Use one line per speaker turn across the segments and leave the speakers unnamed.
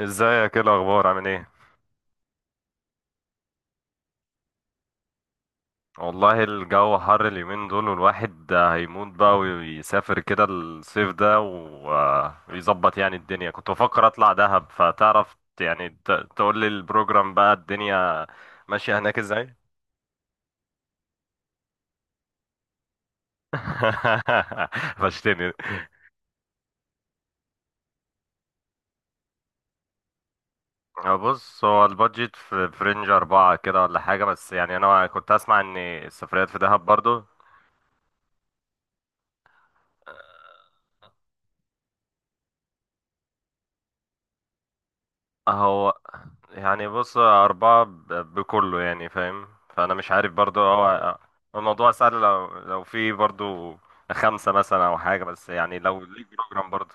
ازيك؟ ايه الاخبار؟ عامل ايه؟ والله الجو حر اليومين دول، والواحد هيموت بقى ويسافر كده الصيف ده، ويظبط يعني الدنيا. كنت بفكر اطلع دهب، فتعرف يعني تقول لي البروجرام بقى الدنيا ماشية هناك ازاي. فشتني. بص، هو البادجت في رينج أربعة كده ولا حاجة، بس يعني أنا كنت أسمع إن السفريات في دهب برضو. هو يعني بص، أربعة بكله يعني، فاهم؟ فأنا مش عارف برضو. هو الموضوع سهل لو في برضو خمسة مثلا أو حاجة، بس يعني لو ليك بروجرام برضو.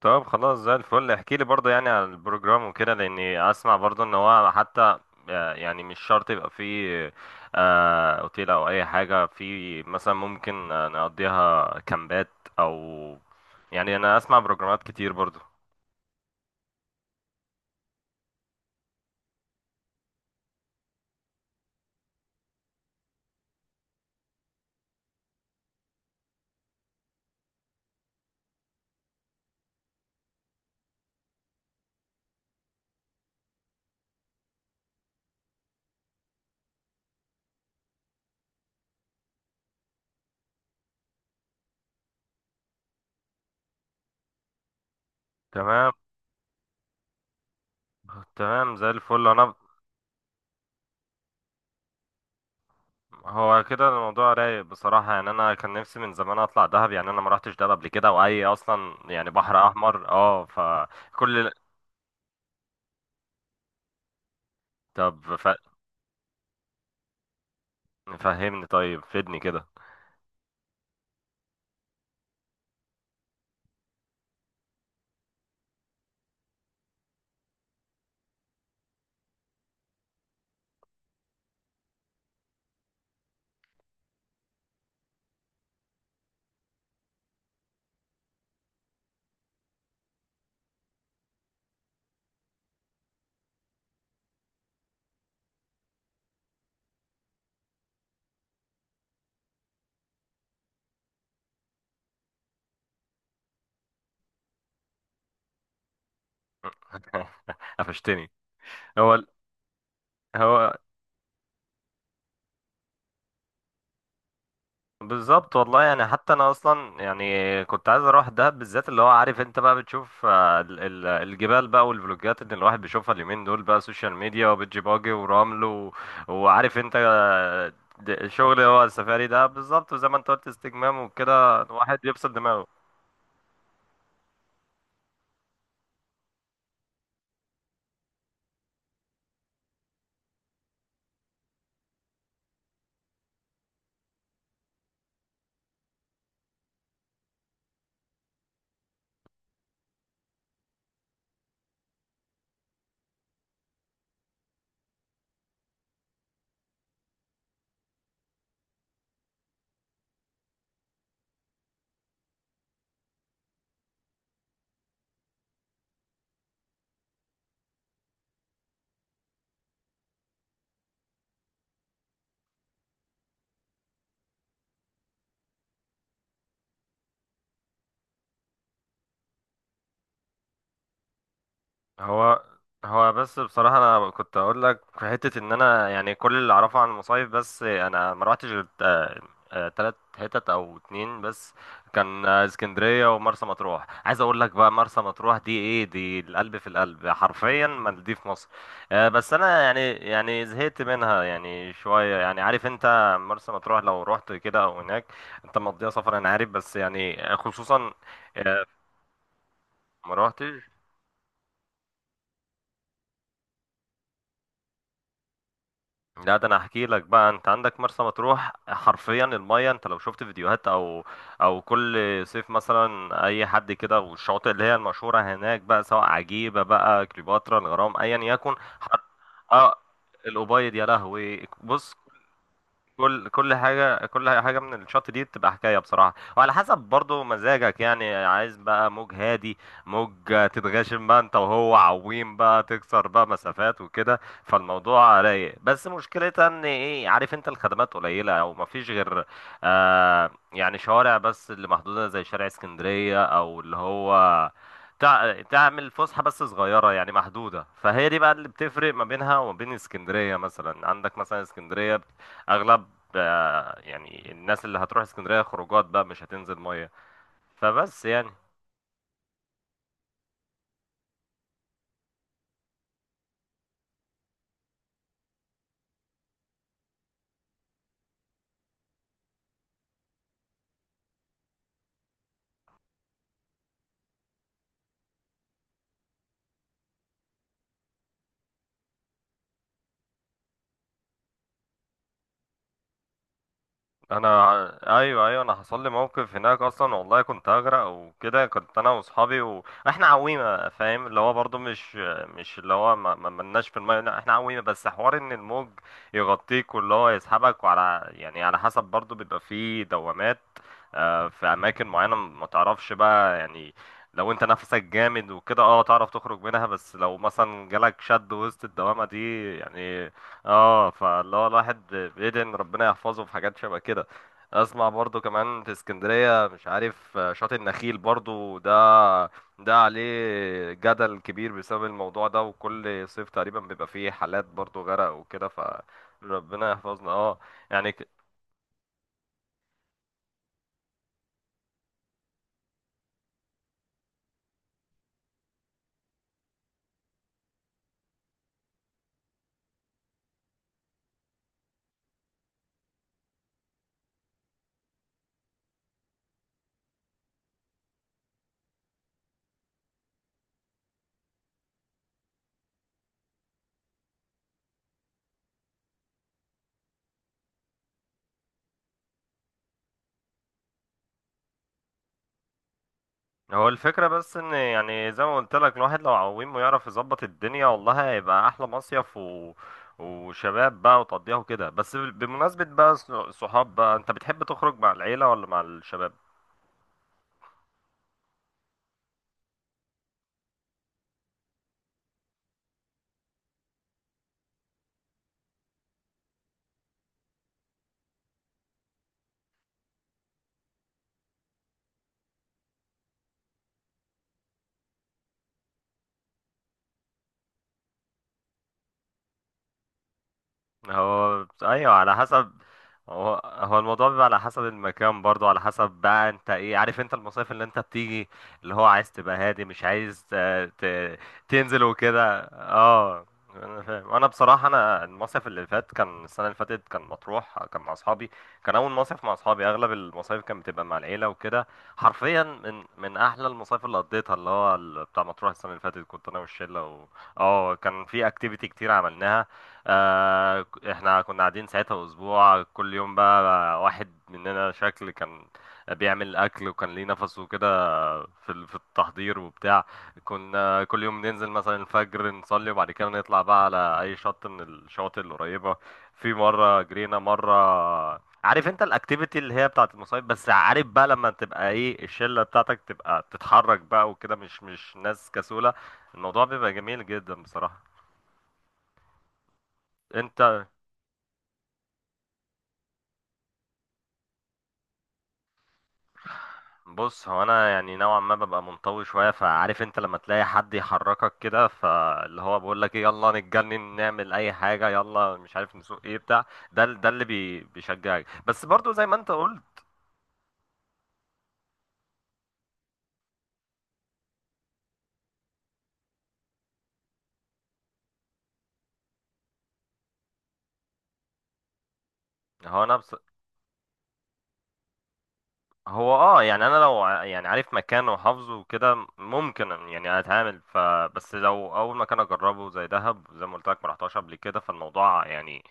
طب خلاص زي الفل، احكي لي برضو يعني عن البروجرام وكده، لأني أسمع برضو إن هو حتى، يعني مش شرط يبقى فيه، أوتيل أو أي حاجة. في مثلا ممكن، نقضيها كامبات أو، يعني أنا أسمع بروجرامات كتير برضو. تمام. تمام زي الفل انا. هو كده الموضوع رايق بصراحة، يعني أنا كان نفسي من زمان أطلع دهب. يعني أنا ما رحتش دهب قبل كده، وأي أصلا يعني بحر أحمر فكل. طب فهمني طيب، فدني كده. قفشتني. هو هو بالظبط والله، يعني حتى انا اصلا يعني كنت عايز اروح دهب بالذات. اللي هو عارف انت بقى بتشوف، الجبال بقى والفلوجات اللي الواحد بيشوفها اليومين دول بقى، سوشيال ميديا وبيتش باجي ورمل وعارف انت، شغل. هو السفاري ده بالظبط، وزي ما انت قلت، استجمام وكده الواحد يفصل دماغه. هو هو بس بصراحة أنا كنت أقول لك في حتة، إن أنا يعني كل اللي أعرفه عن المصايف، بس أنا ما روحتش غير تلات حتت أو اتنين بس. كان اسكندرية ومرسى مطروح. عايز أقول لك بقى، مرسى مطروح دي إيه؟ دي القلب في القلب، حرفيا مالديف مصر. بس أنا يعني زهقت منها يعني شوية. يعني عارف أنت مرسى مطروح لو رحت كده أو هناك، أنت مضيع سفر. أنا عارف بس يعني، خصوصا، آه، ما روحتش. لا، ده انا هحكي لك بقى، انت عندك مرسى مطروح حرفيا المايه، انت لو شفت فيديوهات او كل صيف مثلا اي حد كده، والشواطئ اللي هي المشهوره هناك بقى، سواء عجيبه بقى، كليوباترا، الغرام، ايا يكن. حر... اه الأبيض، يا لهوي! بص، كل حاجة، كل حاجة من الشط دي بتبقى حكاية بصراحة، وعلى حسب برضو مزاجك. يعني عايز بقى موج هادي، موج تتغاشم بقى انت وهو، عويم بقى، تكسر بقى مسافات وكده، فالموضوع رايق. بس مشكلتها ان ايه، عارف انت، الخدمات قليلة او مفيش غير، يعني، شوارع بس اللي محدودة، زي شارع اسكندرية، او اللي هو تعمل فسحة بس صغيرة يعني محدودة. فهي دي بقى اللي بتفرق ما بينها وما بين اسكندرية. مثلا عندك مثلا اسكندرية، اغلب يعني الناس اللي هتروح اسكندريه خروجات بقى، مش هتنزل ميه. فبس يعني انا ايوه، ايوه، انا حصل لي موقف هناك اصلا والله، كنت هغرق وكده. كنت انا واصحابي واحنا عويمه، فاهم، اللي هو برضو مش اللي هو ما ملناش في الميه. لا، احنا عويمه، بس حوار ان الموج يغطيك، واللي هو يسحبك، وعلى يعني على حسب برضو بيبقى فيه دوامات في اماكن معينه ما تعرفش بقى يعني. لو انت نفسك جامد وكده، اه، تعرف تخرج منها، بس لو مثلا جالك شد وسط الدوامه دي يعني، اه، فاللي هو الواحد بيدعي ان ربنا يحفظه في حاجات شبه كده. اسمع برضو كمان في اسكندرية، مش عارف، شاطئ النخيل برضو، ده عليه جدل كبير بسبب الموضوع ده، وكل صيف تقريبا بيبقى فيه حالات برضو غرق وكده، فربنا يحفظنا. اه يعني، هو الفكرة بس ان، يعني زي ما قلت لك، الواحد لو عويم ويعرف يظبط الدنيا، والله هيبقى احلى مصيف وشباب بقى، وتقضيها وكده. بس بمناسبة بقى صحاب بقى، انت بتحب تخرج مع العيلة ولا مع الشباب؟ هو ايوه، على حسب. هو الموضوع بيبقى على حسب المكان برضو، على حسب بقى انت ايه، عارف انت المصايف اللي انت بتيجي، اللي هو عايز تبقى هادي، مش عايز، تنزل وكده، اه. انا فاهم. انا بصراحه، انا المصيف اللي فات كان، السنه اللي فاتت كان مطروح، كان مع اصحابي. كان اول مصيف مع اصحابي، اغلب المصايف كانت بتبقى مع العيله وكده. حرفيا، من احلى المصايف اللي قضيتها اللي هو بتاع مطروح السنه اللي فاتت، كنت انا والشله اه، كان في اكتيفيتي كتير عملناها. احنا كنا قاعدين ساعتها اسبوع، كل يوم بقى واحد مننا شكل، كان بيعمل اكل، وكان ليه نفسه كده في التحضير وبتاع. كنا كل يوم ننزل مثلا الفجر نصلي، وبعد كده نطلع بقى على اي شط من الشواطئ القريبة. في مرة جرينا، مرة عارف انت الاكتيفيتي اللي هي بتاعت المصايف، بس عارف بقى لما تبقى ايه، الشلة بتاعتك تبقى بتتحرك بقى وكده، مش ناس كسولة، الموضوع بيبقى جميل جدا بصراحة. انت بص، هو انا يعني نوعا ما ببقى منطوي شويه، فعارف انت لما تلاقي حد يحركك كده، فاللي هو بيقول لك ايه، يلا نتجنن، نعمل اي حاجه، يلا مش عارف نسوق، ايه بتاع، ده اللي بيشجعك. بس برضو زي ما انت قلت، هو انا بس، هو اه يعني، انا لو يعني عارف مكانه وحافظه وكده، ممكن يعني اتعامل ف. بس لو اول مكان اجربه زي دهب، زي ما قلت لك ما رحتهاش قبل كده، فالموضوع يعني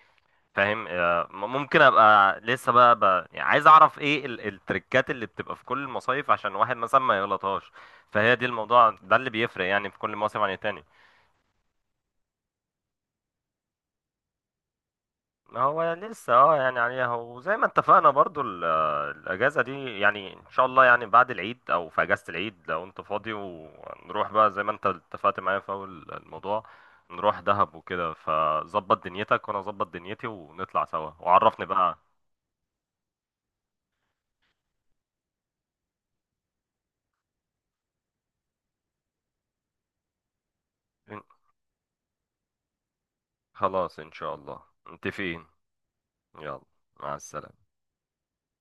فاهم، ممكن ابقى لسه بقى يعني عايز اعرف ايه التريكات اللي بتبقى في كل المصايف، عشان واحد مثلا ما يغلطهاش. فهي دي، الموضوع ده اللي بيفرق يعني في كل موسم عن التاني. هو لسه، اه يعني عليها. وزي ما اتفقنا برضو الاجازه دي، يعني ان شاء الله، يعني بعد العيد او في اجازه العيد لو انت فاضي، ونروح بقى زي ما انت اتفقت معايا في اول الموضوع، نروح دهب وكده. فظبط دنيتك وانا اظبط دنيتي، ونطلع سوا، وعرفني بقى. إن- خلاص ان شاء الله، متفقين. يلا، مع السلامة.